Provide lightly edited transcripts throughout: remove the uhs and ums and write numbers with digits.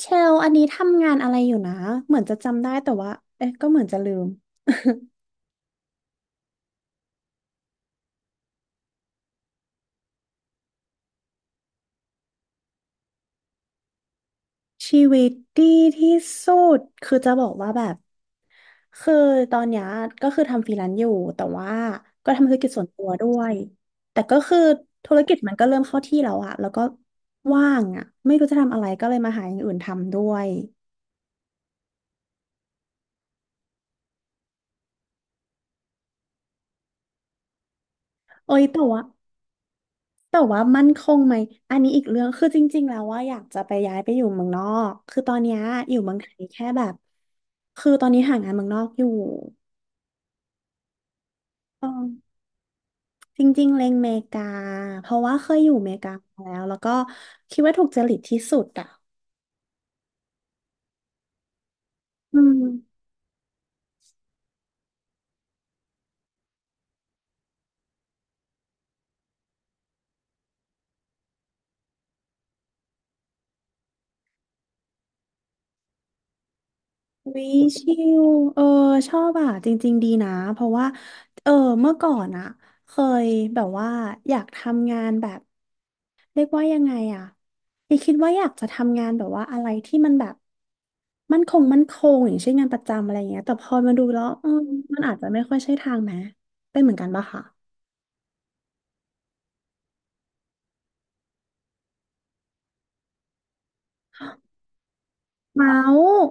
เชล อันนี้ทำงานอะไรอยู่นะเหมือนจะจำได้แต่ว่าเอ๊ะก็เหมือนจะลืม ชีวิตดีที่สุดคือจะบอกว่าแบบคือตอนเนี้ยก็คือทำฟรีแลนซ์อยู่แต่ว่าก็ทำธุรกิจส่วนตัวด้วยแต่ก็คือธุรกิจมันก็เริ่มเข้าที่แล้วอะแล้วก็ว่างอะไม่รู้จะทำอะไรก็เลยมาหาอย่างอื่นทำด้วยเอ้ยแต่ว่า แต่ว่ามั่นคงไหมอันนี้อีกเรื่องคือจริงๆแล้วว่าอยากจะไปย้ายไปอยู่เมืองนอกคือตอนเนี้ยอยู่เมืองไทยแค่แบบคือตอนนี้หางานเมืองนอกอยู่เออจริงๆเล็งเมกาเพราะว่าเคยอยู่เมกามาแล้วแล้วก็คิดว่าถูกจริตที่สุดอ่ะอืม วิชิวเออชอบอ่ะจริงๆดีนะเพราะว่าเออเมื่อก่อนอ่ะเคยแบบว่าอยากทำงานแบบเรียกว่ายังไงอ่ะยังคิดว่าอยากจะทำงานแบบว่าอะไรที่มันแบบมั่นคงมั่นคงอย่างเช่นงานประจำอะไรอย่างเงี้ยแต่พอมาดูแล้วเออมันอาจจะไม่ค่อยใช่ทางไหมเป็นเหมือนกันปะคะเมาส์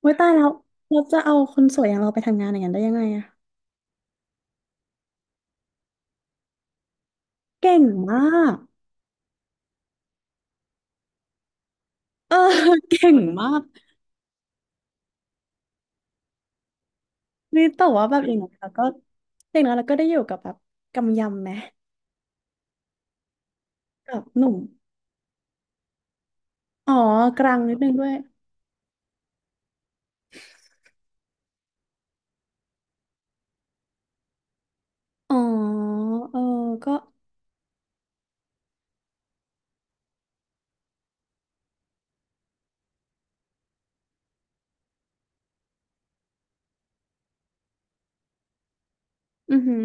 โว้ยตายแล้วเราจะเอาคนสวยอย่างเราไปทำงานอย่างนั้นได้ยังไงอะเก่งมากเออ เก่งมาก นี่แต่ว่าแบบอย่างน้อยเราก็อย่างน้อยเราก็ได้อยู่กับแบบกำยำไหมกับหนุ่มอ๋อกลางนิดนึงด้วยอ๋อเออก็อือหือ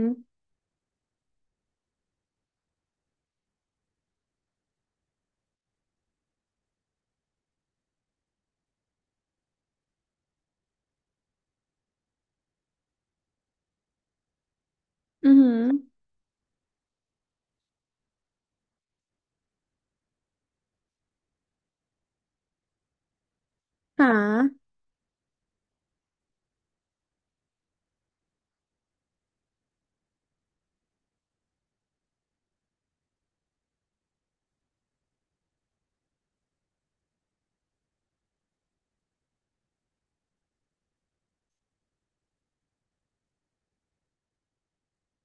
อือหือหา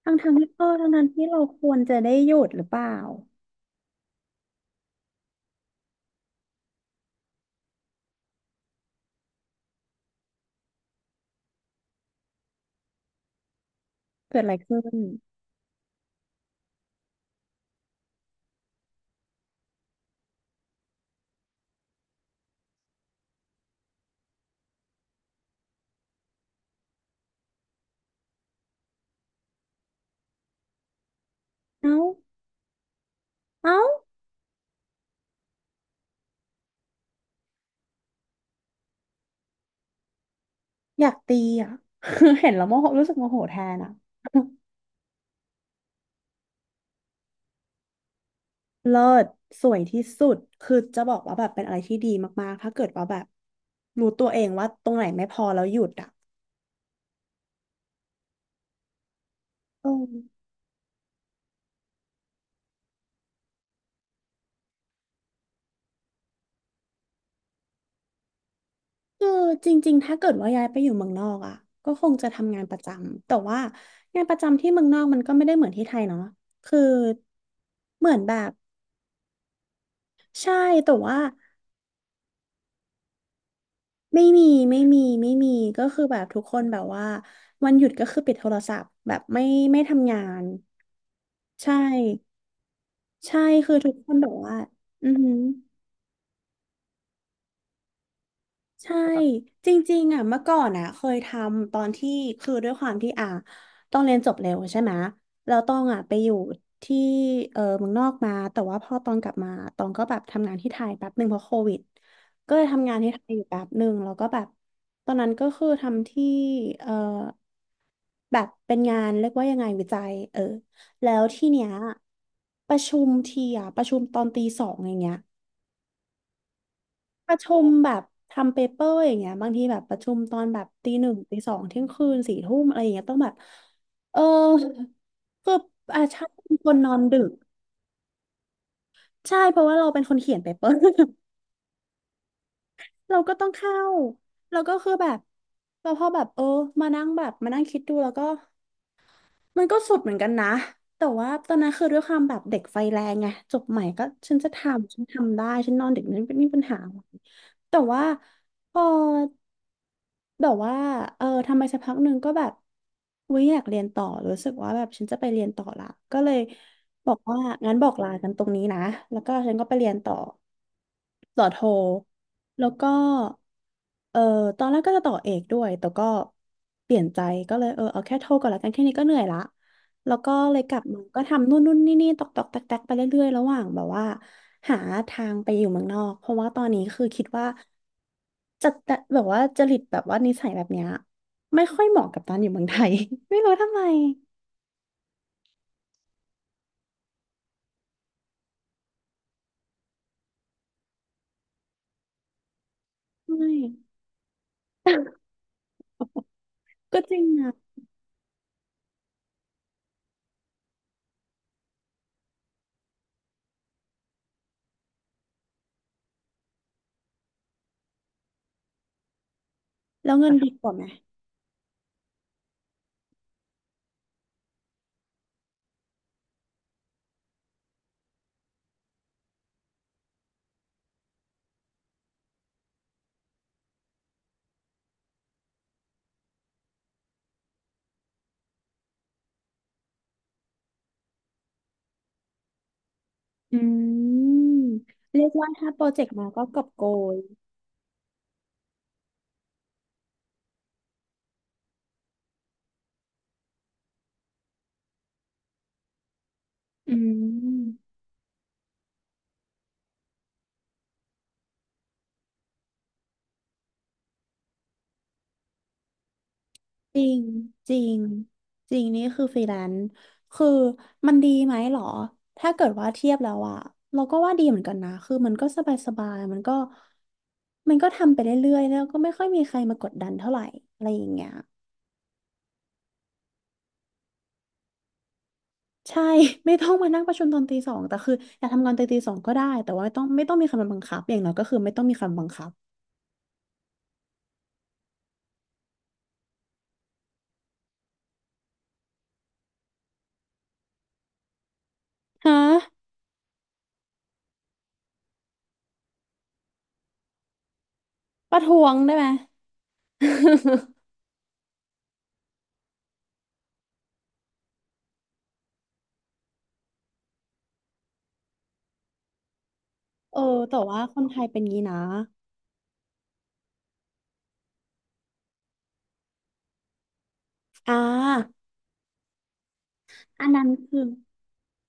ทั้งทางที่เออทั้งทางที่เราควรจะได้หยุดหรือเปล่าเกิดอะไรขึ้นเอ้าเอ้าอยากตีอ่ะ เห็นแล้วโมโหรู้สึกโมโหแทนอ่ะ เลิศสวยที่สุดคือจะบอกว่าแบบเป็นอะไรที่ดีมากๆถ้าเกิดว่าแบบรู้ตัวเองว่าตรงไหนไม่พอแล้วหยุดอ่ะเออ คือจริงๆถ้าเกิดว่าย้ายไปอยู่เมืองนอกอ่ะก็คงจะทำงานประจำแต่ว่างานประจำที่เมืองนอกมันก็ไม่ได้เหมือนที่ไทยเนาะคือเหมือนแบบใช่แต่ว่าไม่มีไม่มีไม่มีก็คือแบบทุกคนแบบว่าวันหยุดก็คือปิดโทรศัพท์แบบไม่ไม่ทำงานใช่ใช่คือทุกคนแบบว่าอือหือ ใช่จริงๆอ่ะเมื่อก่อนอ่ะเคยทำตอนที่คือด้วยความที่อ่ะต้องเรียนจบเร็วใช่ไหมแล้วต้องอ่ะไปอยู่ที่เออเมืองนอกมาแต่ว่าพอตอนกลับมาตองก็แบบทำงานที่ไทยแป๊บหนึ่งเพราะโควิดก็เลยทำงานที่ไทยอยู่แป๊บหนึ่งแล้วก็แบบตอนนั้นก็คือทำที่เออแบบเป็นงานเรียกว่ายังไงวิจัยเออแล้วที่เนี้ยประชุมทีอ่ะประชุมตอนตีสองอย่างเงี้ย ประชุมแบบทำเปเปอร์อย่างเงี้ยบางทีแบบประชุมตอนแบบตีหนึ่งตีสองเที่ยงคืนสี่ทุ่มอะไรอย่างเงี้ยต้องแบบเออคืออาชาเป็นคนนอนดึกใช่เพราะว่าเราเป็นคนเขียนเป เปอร์ เราก็ต้องเข้าแล้วก็คือแบบแล้วพอแบบเออมานั่งแบบมานั่งคิดดูแล้วก็มันก็สุดเหมือนกันนะแต่ว่าตอนนั้นคือด้วยความแบบเด็กไฟแรงไงจบใหม่ก็ฉันจะทำฉันทำได้ฉันนอนดึกนั้นไม่มีปัญหาอะไรแต่ว่าพอ แบบว่าเออทำไมสักพักหนึ่งก็แบบวิอยากเรียนต่อรู้สึกว่าแบบฉันจะไปเรียนต่อละก็เลยบอกว่างั้นบอกลากันตรงนี้นะ แล้วก็ฉันก็ไปเรียนต่อ ต่อโทแล้วก็เออตอนแรกก็จะต่อเอกด้วยแต่ก็เปลี่ยนใจก็เลยเออเอาแค่โทก่อนละกันแค่นี้ก็เหนื่อยละแล้วก็เลยกลับมาก็ทำนู่นนู่นนี่นี่ตอกตอกแตกแตกไปเรื่อยๆระหว่างแบบว่าหาทางไปอยู่เมืองนอกเพราะว่าตอนนี้คือคิดว่าจะแบบว่าจริตแบบว่านิสัยแบบเนี้ยไม่ค่อยเหมาะกับตอนอยู่เมืองไทย ไม่รู้ทำไมไม่ ก็จริงนะแล้วเงินดีกว่าไหม อืมเรียกว่าถ้าโปรเจกต์มาก็กอบโกยอืมจริงจริงจริงนี่คือฟรีแลนซ์คือมันดีไหมหรอถ้าเกิดว่าเทียบแล้วอะเราก็ว่าดีเหมือนกันนะคือมันก็สบายสบายมันก็มันก็ทำไปเรื่อยๆแล้วก็ไม่ค่อยมีใครมากดดันเท่าไหร่อะไรอย่างเงี้ยใช่ ไม่ต้องมานั่งประชุมตอนตีสองแต่คืออยากทำงานตอนตีสองก็ได้แต่ว่าไม่ต้องไม่ต้องมีใครมาบังคับอย่างน้อยก็คือไม่ต้องมีใครมาบังคับฮะประท้วงได้ไหม เออแต่ว่าคนไทยเป็นงี้นะอ่าอันนั้นคือ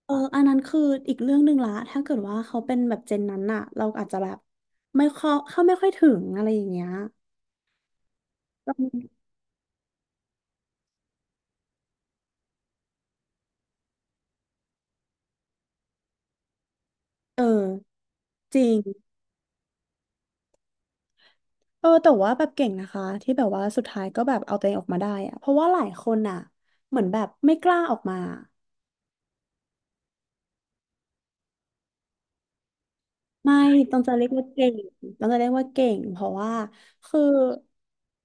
อันนั้นคืออีกเรื่องหนึ่งละถ้าเกิดว่าเขาเป็นแบบเจนนั้นน่ะเราอาจจะแบบไม่เข้าไม่ค่อยถึงอะไรอย่างเงี้ยเออจริงเออแต่ว่าแบบเก่งนะคะที่แบบว่าสุดท้ายก็แบบเอาตัวเองออกมาได้อะเพราะว่าหลายคนอ่ะเหมือนแบบไม่กล้าออกมา ไม่ต้องจะเรียกว่าเก่งต้องจะเรียกว่าเก่งเพราะว่าคือ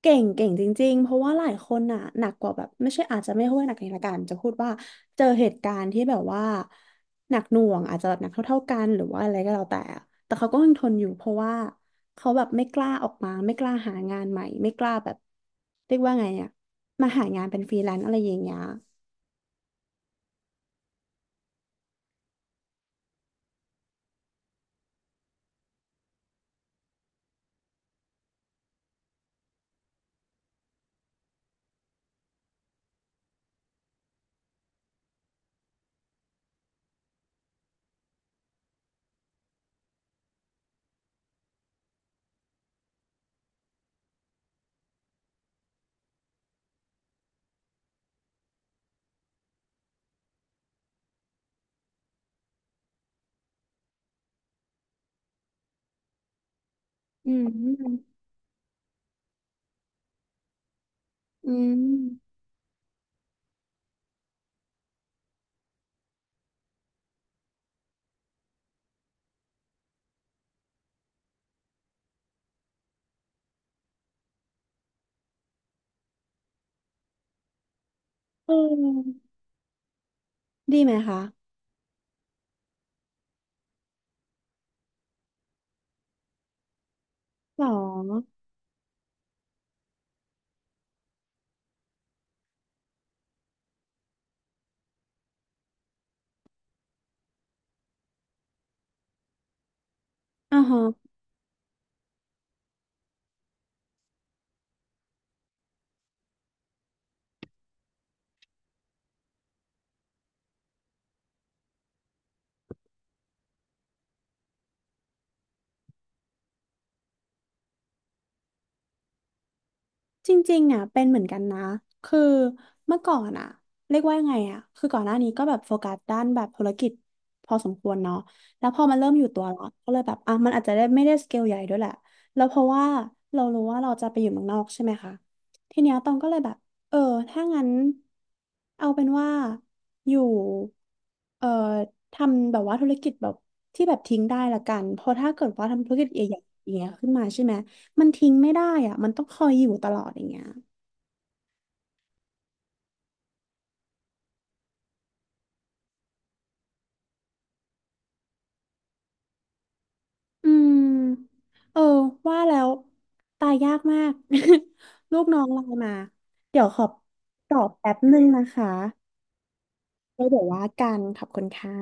เก่งเก่งจริงๆเพราะว่าหลายคนน่ะหนักกว่าแบบไม่ใช่อาจจะไม่ค่อยหนักในละกันจะพูดว่าเจอเหตุการณ์ที่แบบว่าหนักหน่วงอาจจะแบบหนักเท่าๆกันหรือว่าอะไรก็แล้วแต่อะแต่เขาก็ยังทนอยู่เพราะว่าเขาแบบไม่กล้าออกมาไม่กล้าหางานใหม่ไม่กล้าแบบเรียกว่าไงอะมาหางานเป็นฟรีแลนซ์อะไรอย่างเงี้ยอืมอืมเออดีไหมคะหรออ๋อ จริงๆอ่ะเป็นเหมือนกันนะคือเมื่อก่อนอ่ะเรียกว่ายังไงอ่ะคือก่อนหน้านี้ก็แบบโฟกัสด้านแบบธุรกิจพอสมควรเนาะแล้วพอมันเริ่มอยู่ตัวแล้วก็เลยแบบอ่ะ มันอาจจะได้ไม่ได้สเกลใหญ่ด้วยแหละ แล้วเพราะว่าเรารู้ว่าเราจะไปอยู่เมืองนอกใช่ไหมคะ ทีเนี้ยตองก็เลยแบบ เออถ้างั้นเอาเป็นว่าอยู่เอ่อทำแบบว่าธุรกิจแบบที่แบบทิ้งได้ละกันเพราะถ้าเกิดว่าทำธุรกิจใหญ่ๆอย่างเงี้ยขึ้นมาใช่ไหม มันทิ้งไม่ได้อ่ะมันต้องคอยอยู่ตลอดอย่างเงี้ยอืมเออ ว่าแล้วตายยากมาก ลูกน้องไลน์มา เดี๋ยวขอตอบแป๊บนึงนะคะแล้วเดี๋ยวว่ากันขอบคุณค่ะ